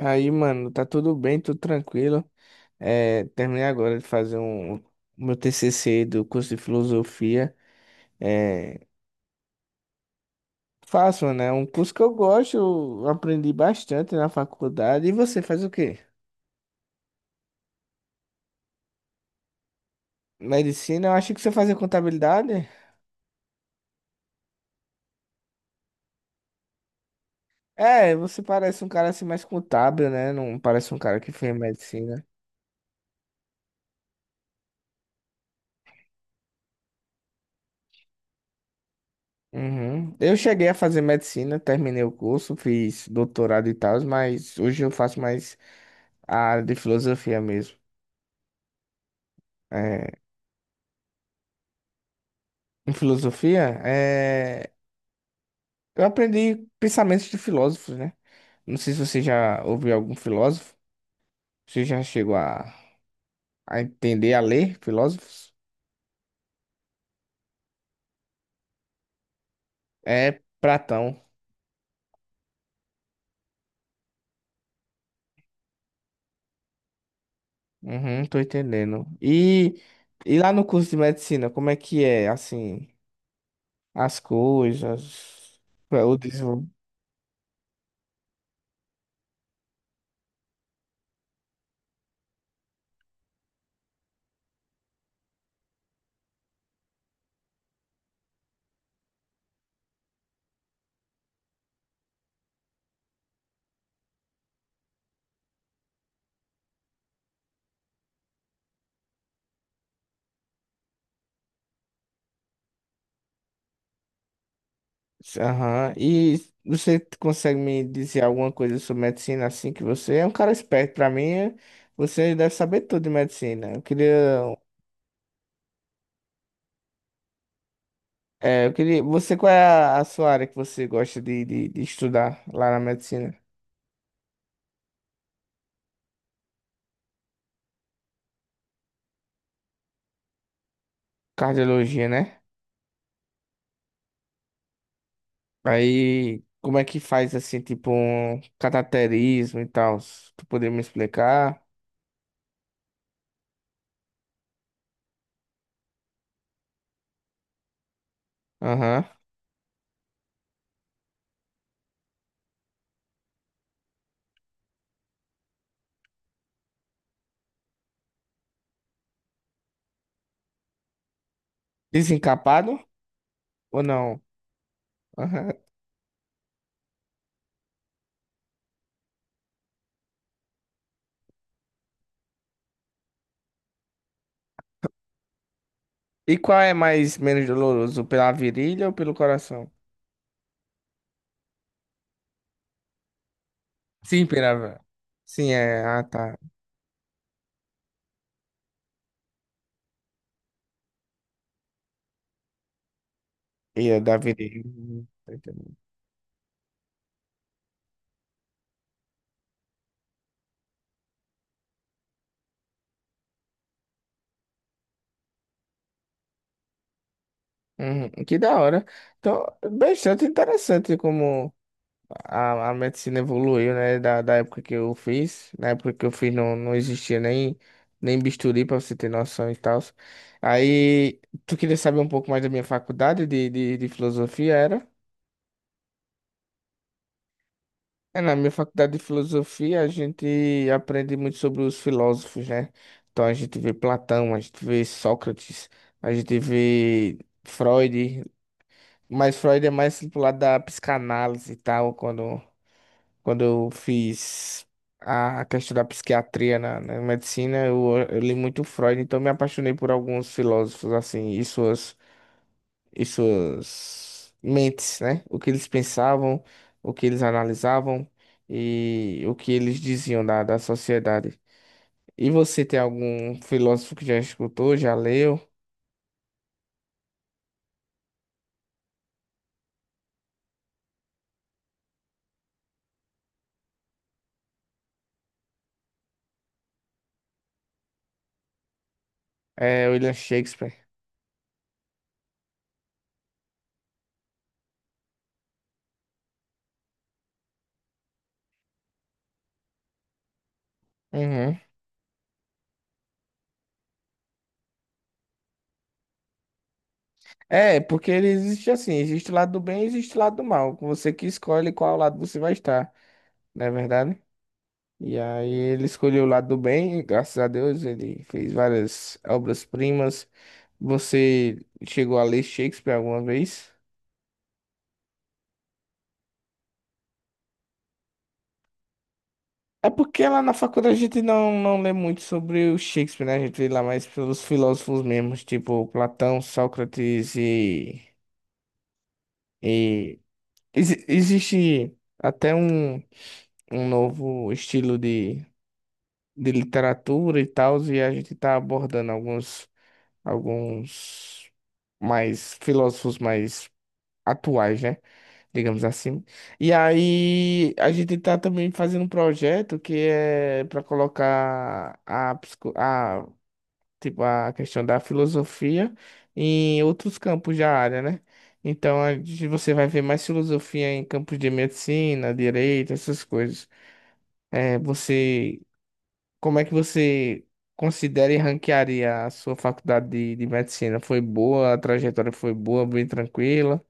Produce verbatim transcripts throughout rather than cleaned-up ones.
Aí, mano, tá tudo bem, tudo tranquilo. É, terminei agora de fazer um, o meu T C C do curso de filosofia. É, faço, né? Um curso que eu gosto, eu aprendi bastante na faculdade. E você faz o quê? Medicina? Eu achei que você fazia contabilidade. É, você parece um cara assim mais contábil, né? Não parece um cara que fez medicina. Uhum. Eu cheguei a fazer medicina, terminei o curso, fiz doutorado e tal, mas hoje eu faço mais a área de filosofia mesmo. É, em filosofia, é... eu aprendi pensamentos de filósofos, né? Não sei se você já ouviu algum filósofo, você já chegou a, a entender, a ler filósofos? É Platão. Uhum, tô entendendo. E... e lá no curso de medicina, como é que é, assim, as coisas. o desenvol- Aham. E você consegue me dizer alguma coisa sobre medicina, assim, que você é um cara esperto, pra mim, você deve saber tudo de medicina. Eu queria É, eu queria. Você, qual é a, a sua área que você gosta de, de, de estudar lá na medicina? Cardiologia, né? Aí, como é que faz assim, tipo, um cateterismo e tal? Se Tu poderia me explicar? Aham. Desencapado ou não? Aham. E qual é mais menos doloroso, pela virilha ou pelo coração? Sim, pela. Sim, é. Ah, tá. E é da virilha. Uhum, tô entendendo. Uhum, que da hora. Então, bastante interessante como. A, a medicina evoluiu, né? Da, da época que eu fiz. Na época que eu fiz não, não existia nem, nem bisturi, pra você ter noção e tal. Aí, tu queria saber um pouco mais da minha faculdade de, de, de filosofia, era? É, na minha faculdade de filosofia, a gente aprende muito sobre os filósofos, né? Então, a gente vê Platão, a gente vê Sócrates, a gente vê Freud. Mas Freud é mais pro lado da psicanálise e tal, quando Quando eu fiz a questão da psiquiatria na, na medicina, eu, eu li muito Freud, então me apaixonei por alguns filósofos assim e suas, e suas mentes, né? O que eles pensavam, o que eles analisavam e o que eles diziam da, da sociedade. E você tem algum filósofo que já escutou, já leu? É William Shakespeare. Uhum. É, porque ele existe assim, existe o lado do bem e existe o lado do mal. Você que escolhe qual lado você vai estar, não é verdade? E aí ele escolheu o lado do bem, e graças a Deus ele fez várias obras-primas. Você chegou a ler Shakespeare alguma vez? É porque lá na faculdade a gente não, não lê muito sobre o Shakespeare, né? A gente lê lá mais pelos filósofos mesmos, tipo Platão, Sócrates. e... e... exi- Existe até um, um novo estilo de, de literatura e tal, e a gente tá abordando alguns, alguns mais filósofos mais atuais, né? Digamos assim. E aí a gente tá também fazendo um projeto que é para colocar a, psico- a, tipo, a questão da filosofia em outros campos da área, né? Então a gente- você vai ver mais filosofia em campos de medicina, direito, essas coisas. É, você, como é que você considera e ranquearia a sua faculdade de, de medicina? Foi boa, a trajetória foi boa, bem tranquila?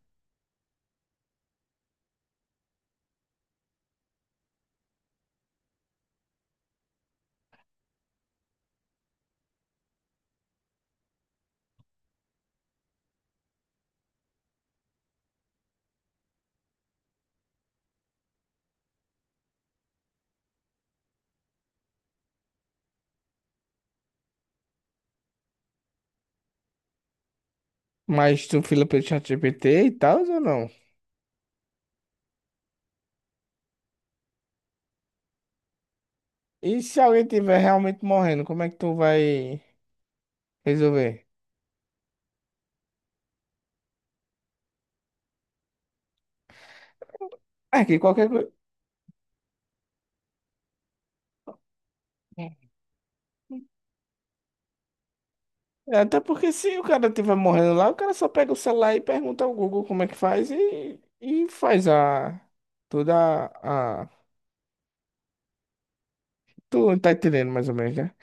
Mas tu fila pelo ChatGPT e tal ou não? E se alguém tiver realmente morrendo, como é que tu vai resolver? É que qualquer coisa. Até porque se o cara tiver morrendo lá, o cara só pega o celular e pergunta ao Google como é que faz e, e faz a. Toda a. a- Tu tá entendendo mais ou menos, né?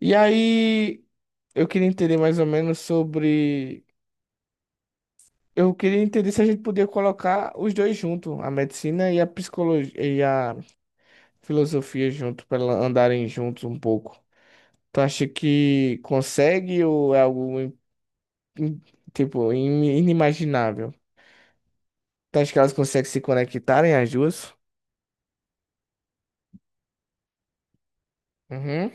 E aí, eu queria entender mais ou menos sobre. Eu queria entender se a gente podia colocar os dois juntos, a medicina e a psicologia, filosofia junto, para andarem juntos um pouco. Tu acha que consegue ou é algo im- im- tipo im- inimaginável? Tu acha que elas conseguem se conectarem as duas? Uhum.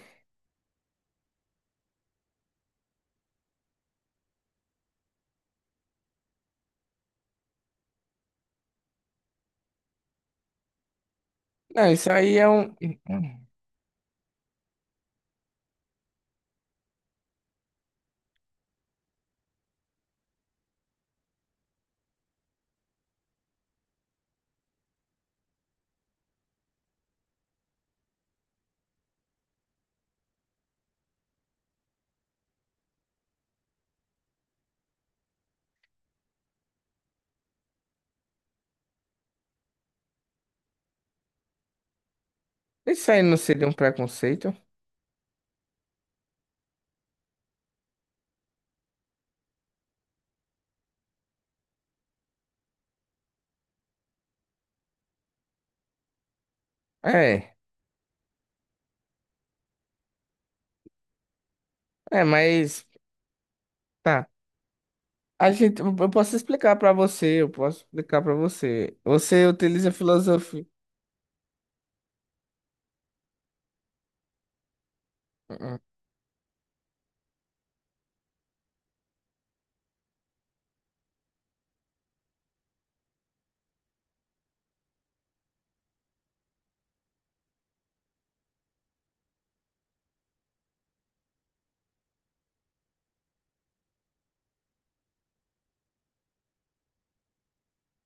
Não, isso aí é um. Isso aí não seria um preconceito? É, é, mas tá. A gente, eu eu posso explicar pra você, eu posso explicar pra você. Você utiliza filosofia. Uhum.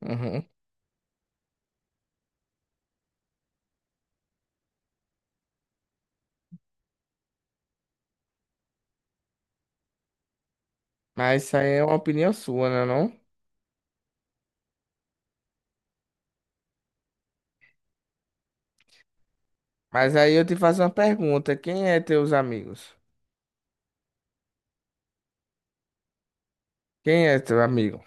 Uhum. Mas isso aí é uma opinião sua, né, não? Mas aí eu te faço uma pergunta, quem é teus amigos? Quem é teu amigo?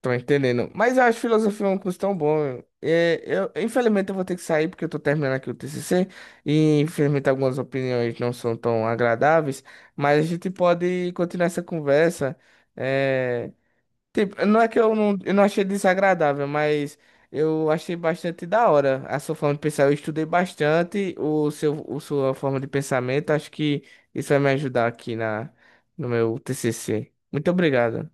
Tô entendendo. Mas eu acho filosofia um curso tão bom. É, eu, infelizmente eu vou ter que sair porque eu tô terminando aqui o T C C e infelizmente algumas opiniões não são tão agradáveis, mas a gente pode continuar essa conversa. É, tipo, não é que eu não, eu não achei desagradável, mas eu achei bastante da hora a sua forma de pensar. Eu estudei bastante o seu, o sua forma de pensamento. Acho que isso vai me ajudar aqui na, no meu T C C. Muito obrigado.